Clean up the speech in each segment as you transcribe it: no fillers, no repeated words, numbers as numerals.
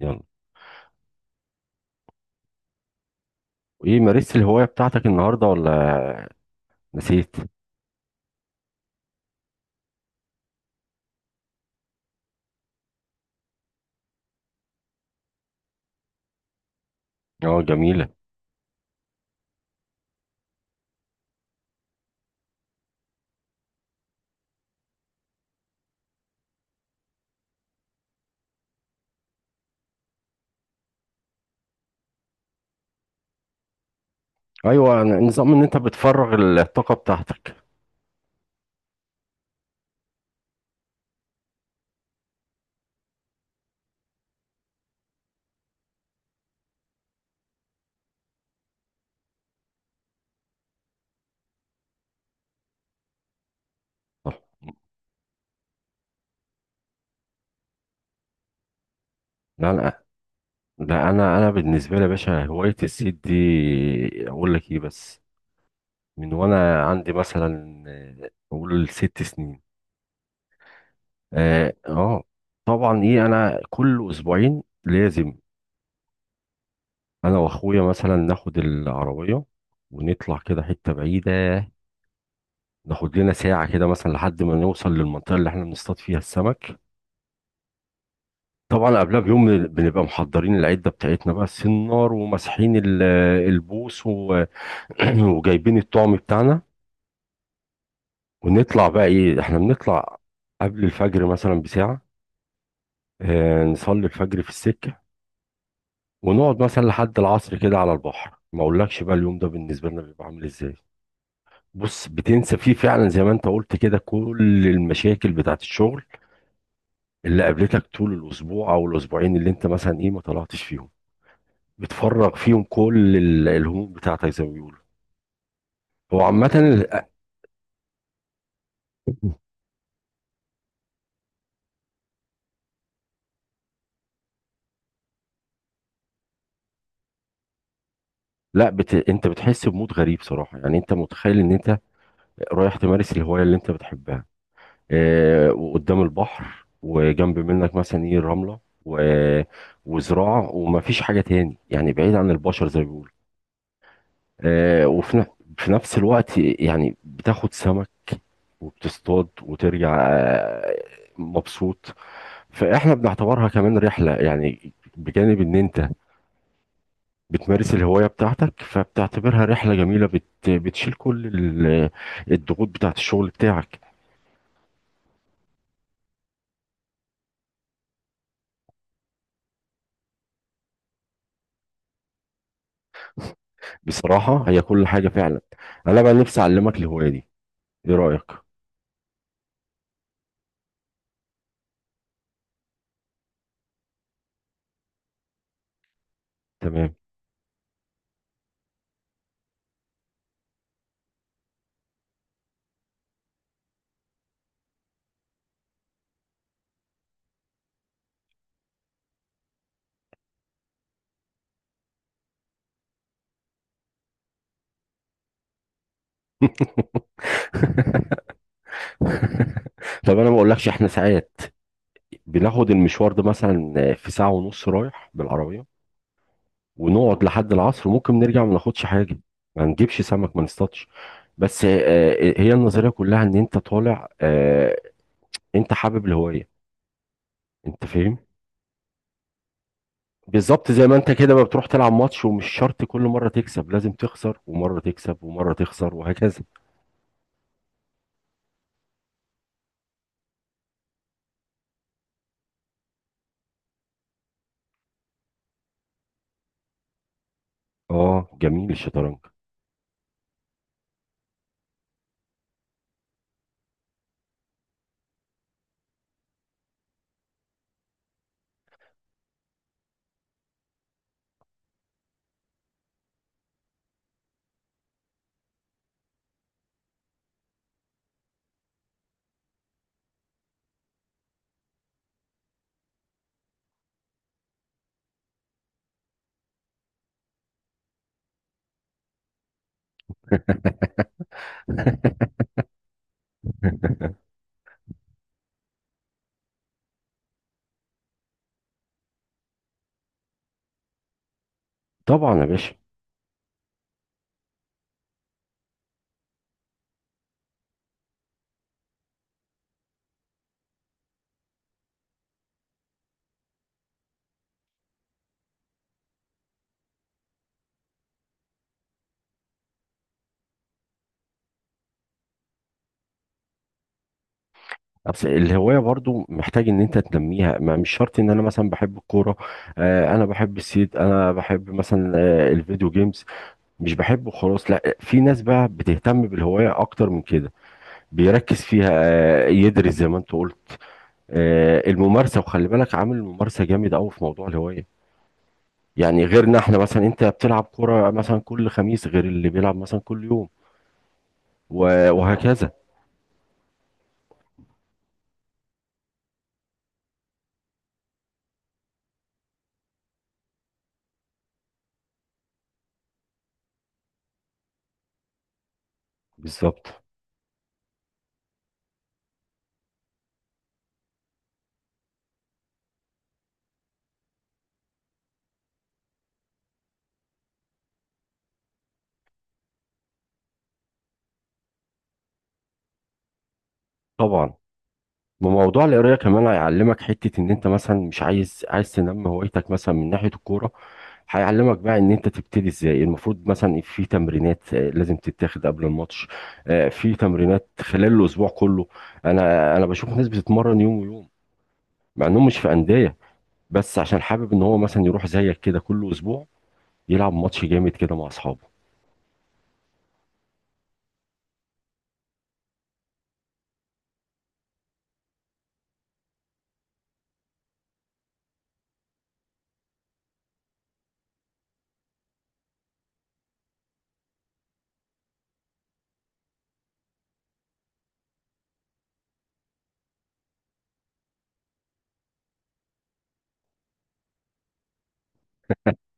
يلا. ايه مارست الهواية بتاعتك النهاردة ولا نسيت؟ اه جميلة. ايوه، نظام ان انت بتفرغ الطاقة بتاعتك. صح. لا، لا، لا، انا بالنسبة لي يا باشا هواية الصيد دي. اقول لك ايه بس من وانا عندي مثلا اقول 6 سنين. اه آه. طبعا ايه انا كل اسبوعين لازم. انا واخويا مثلا ناخد العربية ونطلع كده حتة بعيدة، ناخد لنا ساعة كده مثلا لحد ما نوصل للمنطقة اللي احنا بنصطاد فيها السمك. طبعا قبلها بيوم بنبقى محضرين العدة بتاعتنا بقى السنار، وماسحين البوص، وجايبين الطعم بتاعنا. ونطلع بقى ايه، احنا بنطلع قبل الفجر مثلا بساعة، اه نصلي الفجر في السكة، ونقعد مثلا لحد العصر كده على البحر. ما اقولكش بقى اليوم ده بالنسبة لنا بيبقى عامل ازاي. بص، بتنسى فيه فعلا زي ما انت قلت كده كل المشاكل بتاعت الشغل اللي قابلتك طول الاسبوع او الاسبوعين اللي انت مثلا ايه ما طلعتش فيهم. بتفرغ فيهم كل الهموم بتاعتك زي ما بيقولوا. هو عامة لا، انت بتحس بمود غريب صراحة، يعني انت متخيل ان انت رايح تمارس الهواية اللي انت بتحبها. اه... وقدام البحر وجنب منك مثلا ايه الرملة وزراعة، ومفيش حاجة تاني، يعني بعيد عن البشر زي ما بيقولوا. اه... وفي ن... في نفس الوقت يعني بتاخد سمك وبتصطاد وترجع مبسوط. فاحنا بنعتبرها كمان رحلة، يعني بجانب ان انت بتمارس الهواية بتاعتك فبتعتبرها رحلة جميلة، بتشيل كل الضغوط بتاعت الشغل بتاعك. بصراحة هي كل حاجة فعلا. انا بقى نفسي اعلمك الهواية دي، ايه رأيك؟ تمام. طب انا ما اقولكش احنا ساعات بناخد المشوار ده مثلا في ساعة ونص رايح بالعربية، ونقعد لحد العصر، ممكن نرجع ما ناخدش حاجه، ما نجيبش سمك، ما نصطادش. بس هي النظريه كلها ان انت طالع، انت حابب الهوايه، انت فاهم. بالظبط زي ما انت كده، ما بتروح تلعب ماتش ومش شرط كل مره تكسب، لازم تخسر ومره تكسب ومره تخسر وهكذا. اه جميل الشطرنج، طبعا يا باشا. بس الهوايه برضو محتاج ان انت تنميها، ما مش شرط ان انا مثلا بحب الكوره، انا بحب الصيد، انا بحب مثلا الفيديو جيمز، مش بحبه خلاص. لا، في ناس بقى بتهتم بالهواية اكتر من كده، بيركز فيها، يدرس زي ما انت قلت، الممارسة، وخلي بالك عامل الممارسة جامد قوي في موضوع الهواية. يعني غيرنا احنا مثلا، انت بتلعب كرة مثلا كل خميس غير اللي بيلعب مثلا كل يوم وهكذا. بالظبط طبعا. وموضوع القراية كمان هيعلمك حتة ان انت مثلا مش عايز تنمي هوايتك مثلا من ناحية الكورة، هيعلمك بقى ان انت تبتدي ازاي. المفروض مثلا في تمرينات لازم تتاخد قبل الماتش، في تمرينات خلال الاسبوع كله. انا بشوف ناس بتتمرن يوم ويوم مع انهم مش في انديه، بس عشان حابب ان هو مثلا يروح زيك كده كل اسبوع يلعب ماتش جامد كده مع اصحابه.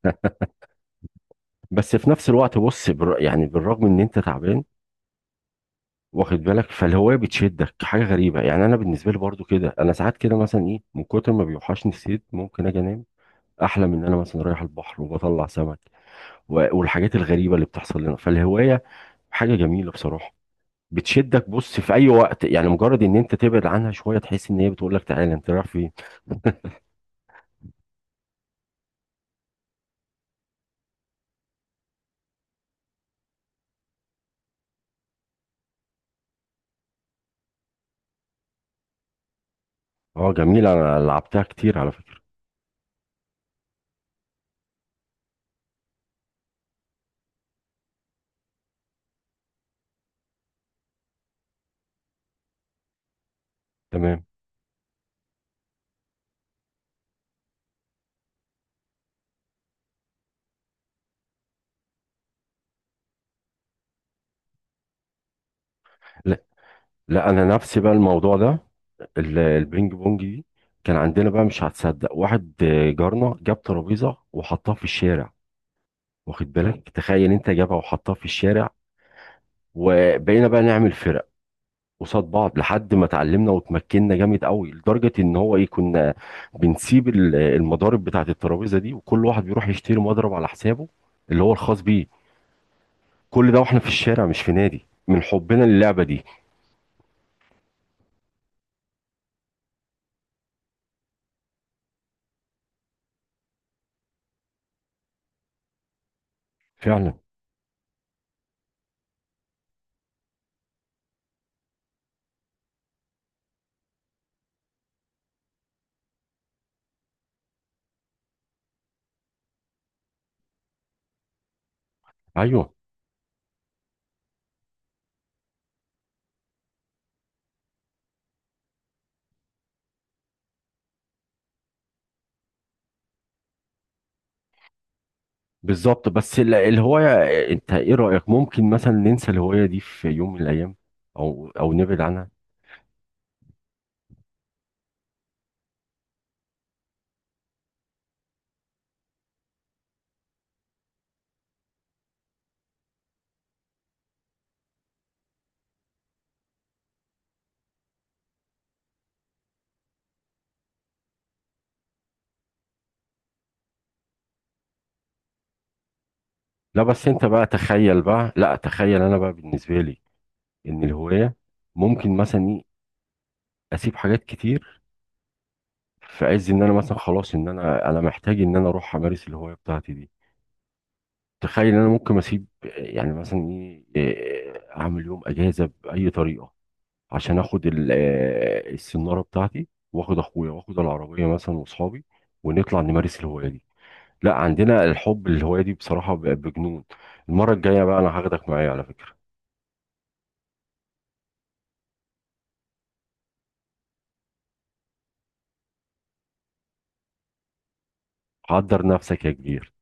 بس في نفس الوقت بص يعني بالرغم ان انت تعبان، واخد بالك، فالهوايه بتشدك حاجه غريبه. يعني انا بالنسبه لي برضو كده، انا ساعات كده مثلا ايه من كتر ما بيوحشني الصيد ممكن اجي انام، احلم ان انا مثلا رايح البحر وبطلع سمك والحاجات الغريبة اللي بتحصل لنا فالهواية. حاجة جميلة بصراحة، بتشدك بص في اي وقت. يعني مجرد ان انت تبعد عنها شوية تحس ان هي بتقول لك تعالى، انت رايح فين؟ اه جميلة، انا لعبتها كتير على فكرة. تمام. لا، لا، انا نفسي بقى الموضوع ده، البينج بونج دي. كان عندنا بقى، مش هتصدق، واحد جارنا جاب ترابيزة وحطها في الشارع. واخد بالك، تخيل انت، جابها وحطها في الشارع، وبقينا بقى نعمل فرق قصاد بعض لحد ما اتعلمنا وتمكنا جامد قوي، لدرجه ان هو ايه كنا بنسيب المضارب بتاعه الترابيزه دي، وكل واحد بيروح يشتري مضرب على حسابه اللي هو الخاص بيه. كل ده واحنا في الشارع مش في نادي، من حبنا للعبه دي. فعلا. ايوه بالظبط. بس الهوايه، انت ايه رايك، ممكن مثلا ننسى الهوايه دي في يوم من الايام، او نبعد عنها؟ لا بس انت بقى تخيل بقى، لا تخيل، انا بقى بالنسبه لي ان الهوايه ممكن مثلا ايه اسيب حاجات كتير في عز ان انا مثلا خلاص ان انا محتاج ان انا اروح امارس الهوايه بتاعتي دي. تخيل ان انا ممكن اسيب يعني مثلا ايه اعمل يوم اجازه باي طريقه عشان اخد السناره بتاعتي، واخد اخويا، واخد العربيه مثلا، واصحابي، ونطلع نمارس الهوايه دي. لا، عندنا الحب للهوايه دي بصراحه، بجنون. المره الجايه بقى انا هاخدك معايا على فكره. حضر نفسك يا كبير.